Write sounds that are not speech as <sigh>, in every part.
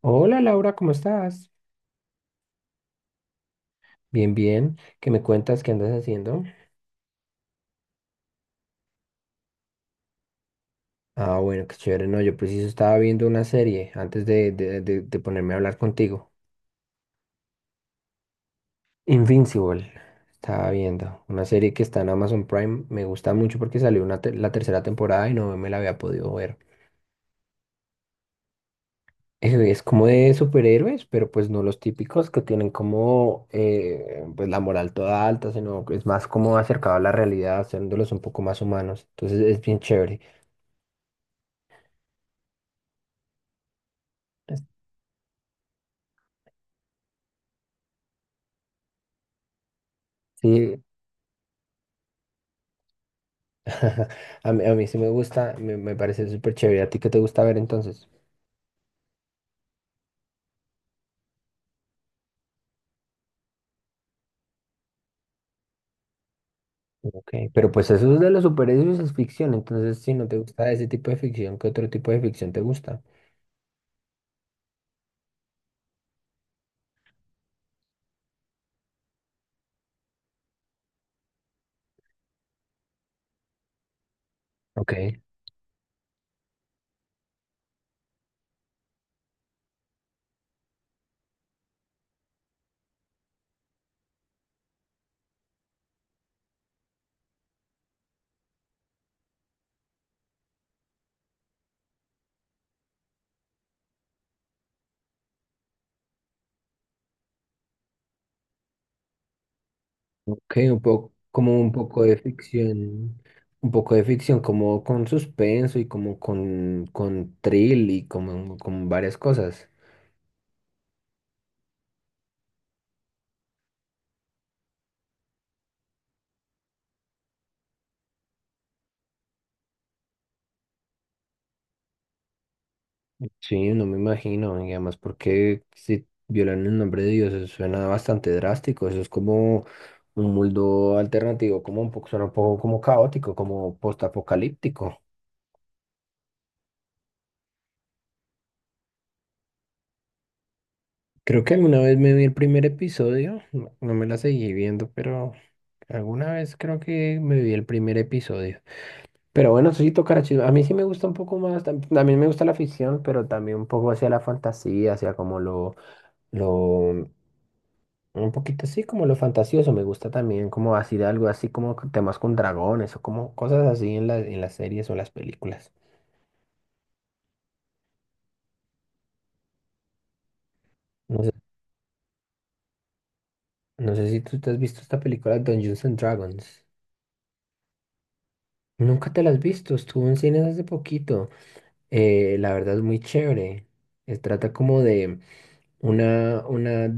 Hola Laura, ¿cómo estás? Bien, bien. ¿Qué me cuentas? ¿Qué andas haciendo? Ah, bueno, qué chévere. No, yo preciso estaba viendo una serie antes de ponerme a hablar contigo. Invincible. Estaba viendo una serie que está en Amazon Prime. Me gusta mucho porque salió la tercera temporada y no me la había podido ver. Es como de superhéroes, pero pues no los típicos que tienen como pues la moral toda alta, sino que es más como acercado a la realidad, haciéndolos un poco más humanos. Entonces es bien chévere. Sí, <laughs> A mí sí me gusta, me parece súper chévere. ¿A ti qué te gusta ver entonces? Ok, pero pues eso es de los superhéroes, es ficción. Entonces, si no te gusta ese tipo de ficción, ¿qué otro tipo de ficción te gusta? Ok, ok, un poco, como un poco de ficción, como con suspenso y como con thrill y como con varias cosas. Sí, no me imagino, y además porque si violan el nombre de Dios, eso suena bastante drástico, eso es como un mundo alternativo, como un poco, suena un poco como caótico, como postapocalíptico. Creo que alguna vez me vi el primer episodio, no, no me la seguí viendo, pero alguna vez creo que me vi el primer episodio. Pero bueno, sí tocará chido. A mí sí me gusta un poco más, también me gusta la ficción, pero también un poco hacia la fantasía, hacia como lo Un poquito así como lo fantasioso, me gusta también como así de algo así como con temas con dragones o como cosas así en en las series o las películas. No sé, no sé si tú te has visto esta película Dungeons and Dragons. Nunca te la has visto, estuvo en cines hace poquito. La verdad es muy chévere. Se trata como de una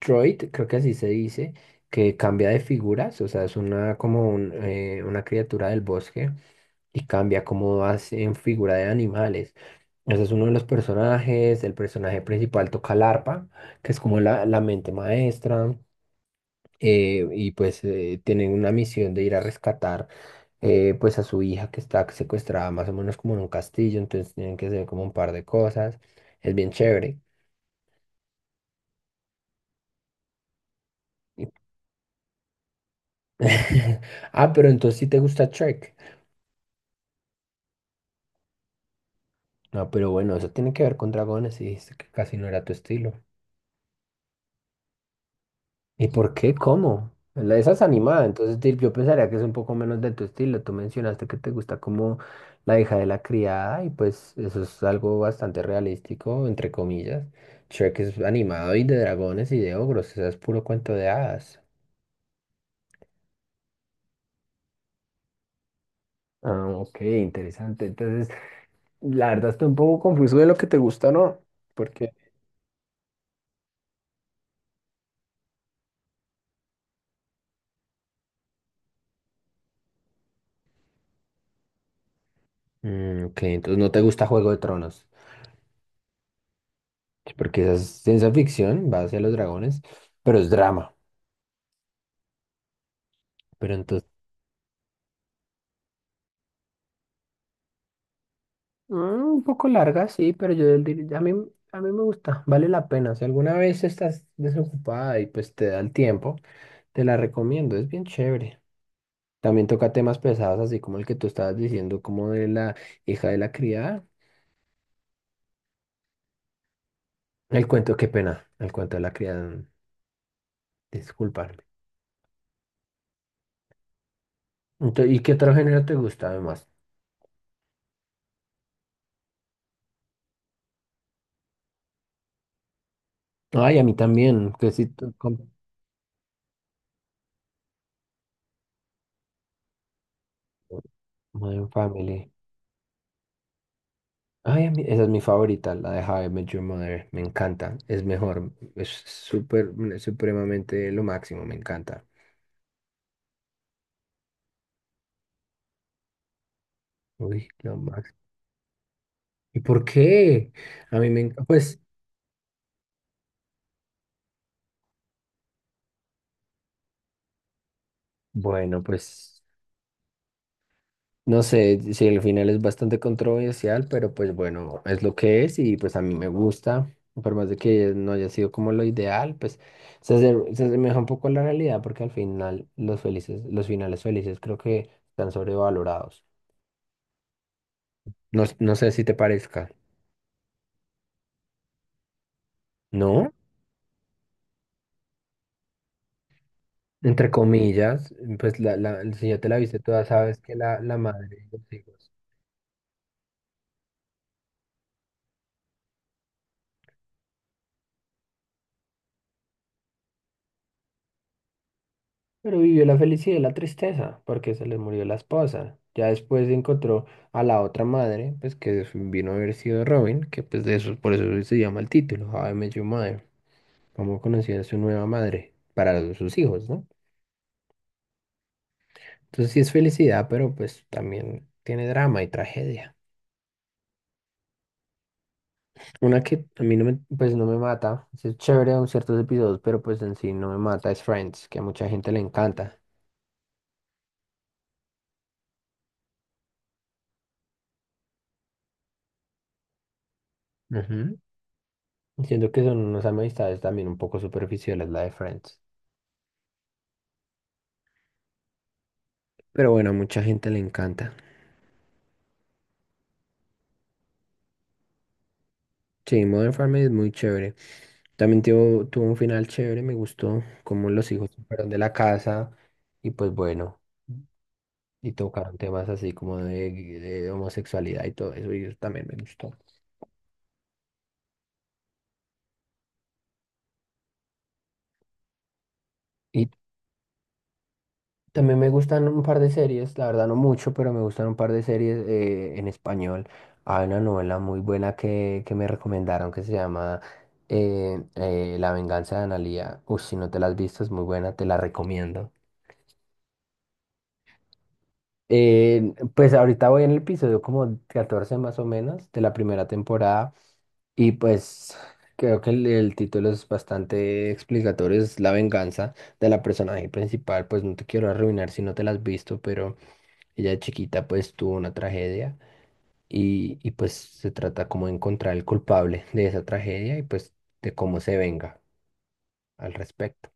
droid, creo que así se dice, que cambia de figuras, o sea, es una como un, una criatura del bosque y cambia cómo vas en figura de animales. Ese es uno de los personajes, el personaje principal toca el arpa, que es como la mente maestra, y pues tienen una misión de ir a rescatar, pues, a su hija que está secuestrada más o menos como en un castillo, entonces tienen que hacer como un par de cosas, es bien chévere. Y- <laughs> Ah, pero entonces sí te gusta Trek. No, pero bueno, eso tiene que ver con dragones y dijiste que casi no era tu estilo. ¿Y por qué? ¿Cómo? La- Esa es animada, entonces yo pensaría que es un poco menos de tu estilo. Tú mencionaste que te gusta como la hija de la criada y pues eso es algo bastante realístico, entre comillas. Shrek es animado y de dragones y de ogros, eso es puro cuento de hadas. Ah, ok, interesante. Entonces, la verdad estoy un poco confuso de lo que te gusta, ¿no? Porque... ok, entonces no te gusta Juego de Tronos, porque esa es ciencia ficción, va hacia los dragones, pero es drama. Pero un poco larga, sí, pero yo a mí me gusta, vale la pena. Si alguna vez estás desocupada y pues te da el tiempo, te la recomiendo, es bien chévere. También toca temas pesados, así como el que tú estabas diciendo, como de la hija de la criada. El cuento, qué pena, el cuento de la criada, disculparme. Entonces, ¿y qué otro género te gusta además? Ay, a mí también, que si... Modern Family. Ay, esa es mi favorita, la de How I Met Your Mother. Me encanta, es mejor, es súper, supremamente lo máximo, me encanta. Uy, lo máximo. ¿Y por qué? A mí me encanta, pues, bueno, pues, no sé si el final es bastante controversial, pero pues bueno, es lo que es y pues a mí me gusta. Por más de que no haya sido como lo ideal, pues se, se asemeja un poco a la realidad porque al final los felices, los finales felices creo que están sobrevalorados. No, no sé si te parezca. No, entre comillas, pues si ya te la viste toda, sabes que la madre y los hijos. Pero vivió la felicidad y la tristeza, porque se le murió la esposa. Ya después encontró a la otra madre, pues que vino a haber sido Robin, que pues de eso, por eso se llama el título, How I Met Your Mother, cómo conocía a su nueva madre para sus hijos, ¿no? Entonces sí es felicidad, pero pues también tiene drama y tragedia. Una que a mí no me, pues no me mata, sí es chévere en ciertos episodios, pero pues en sí no me mata, es Friends, que a mucha gente le encanta. Ujú. Siento que son unas amistades también un poco superficiales, la de Friends. Pero bueno, a mucha gente le encanta. Sí, Modern Family es muy chévere. También tuvo un final chévere, me gustó cómo los hijos se fueron de la casa y pues bueno, y tocaron temas así como de homosexualidad y todo eso, y eso también me gustó. Y también me gustan un par de series, la verdad no mucho, pero me gustan un par de series, en español. Hay una novela muy buena que me recomendaron que se llama, La venganza de Analía. Uy, si no te la has visto, es muy buena, te la recomiendo. Pues ahorita voy en el episodio como 14 más o menos de la primera temporada y pues creo que el título es bastante explicatorio, es La venganza de la personaje principal. Pues no te quiero arruinar si no te la has visto, pero... Ella de chiquita pues tuvo una tragedia y pues se trata como de encontrar el culpable de esa tragedia y pues de cómo se venga al respecto.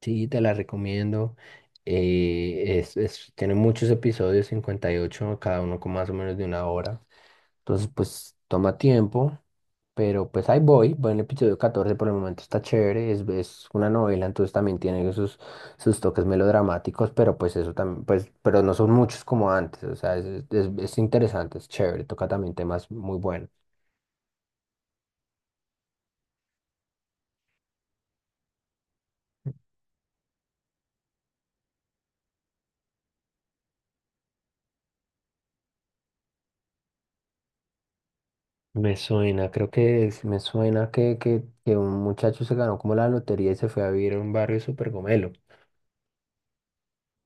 Sí, te la recomiendo. Tiene muchos episodios, 58, cada uno con más o menos de una hora. Entonces pues toma tiempo. Pero pues ahí voy, voy en el episodio 14, por el momento está chévere, es una novela, entonces también tiene sus, toques melodramáticos, pero pues eso también, pues, pero no son muchos como antes, o sea, es interesante, es chévere, toca también temas muy buenos. Me suena, creo que me suena que un muchacho se ganó como la lotería y se fue a vivir a un barrio súper gomelo.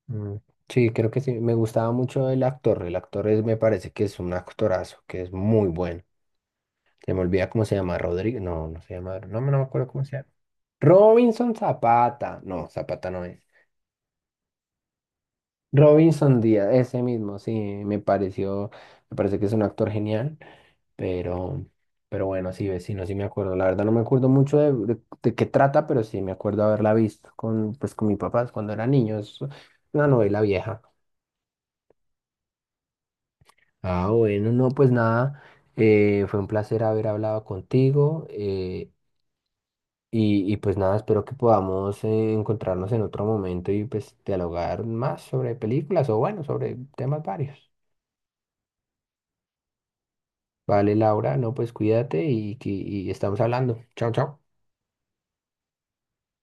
Mm, sí, creo que sí, me gustaba mucho el actor es, me parece que es un actorazo, que es muy bueno. Se me olvida cómo se llama, Rodrigo. No, no se llama. No, no me acuerdo cómo se llama. Robinson Zapata. No, Zapata no es. Robinson Díaz, ese mismo, sí, me pareció, me parece que es un actor genial, pero, pero bueno, sí, vecino, sí me acuerdo. La verdad no me acuerdo mucho de qué trata, pero sí me acuerdo haberla visto con, pues, con mis papás cuando era niño. Es una novela vieja. Ah, bueno, no, pues nada. Fue un placer haber hablado contigo. Y pues nada, espero que podamos encontrarnos en otro momento y pues dialogar más sobre películas o bueno, sobre temas varios. Vale, Laura, no, pues cuídate y, y estamos hablando. Chao, chao.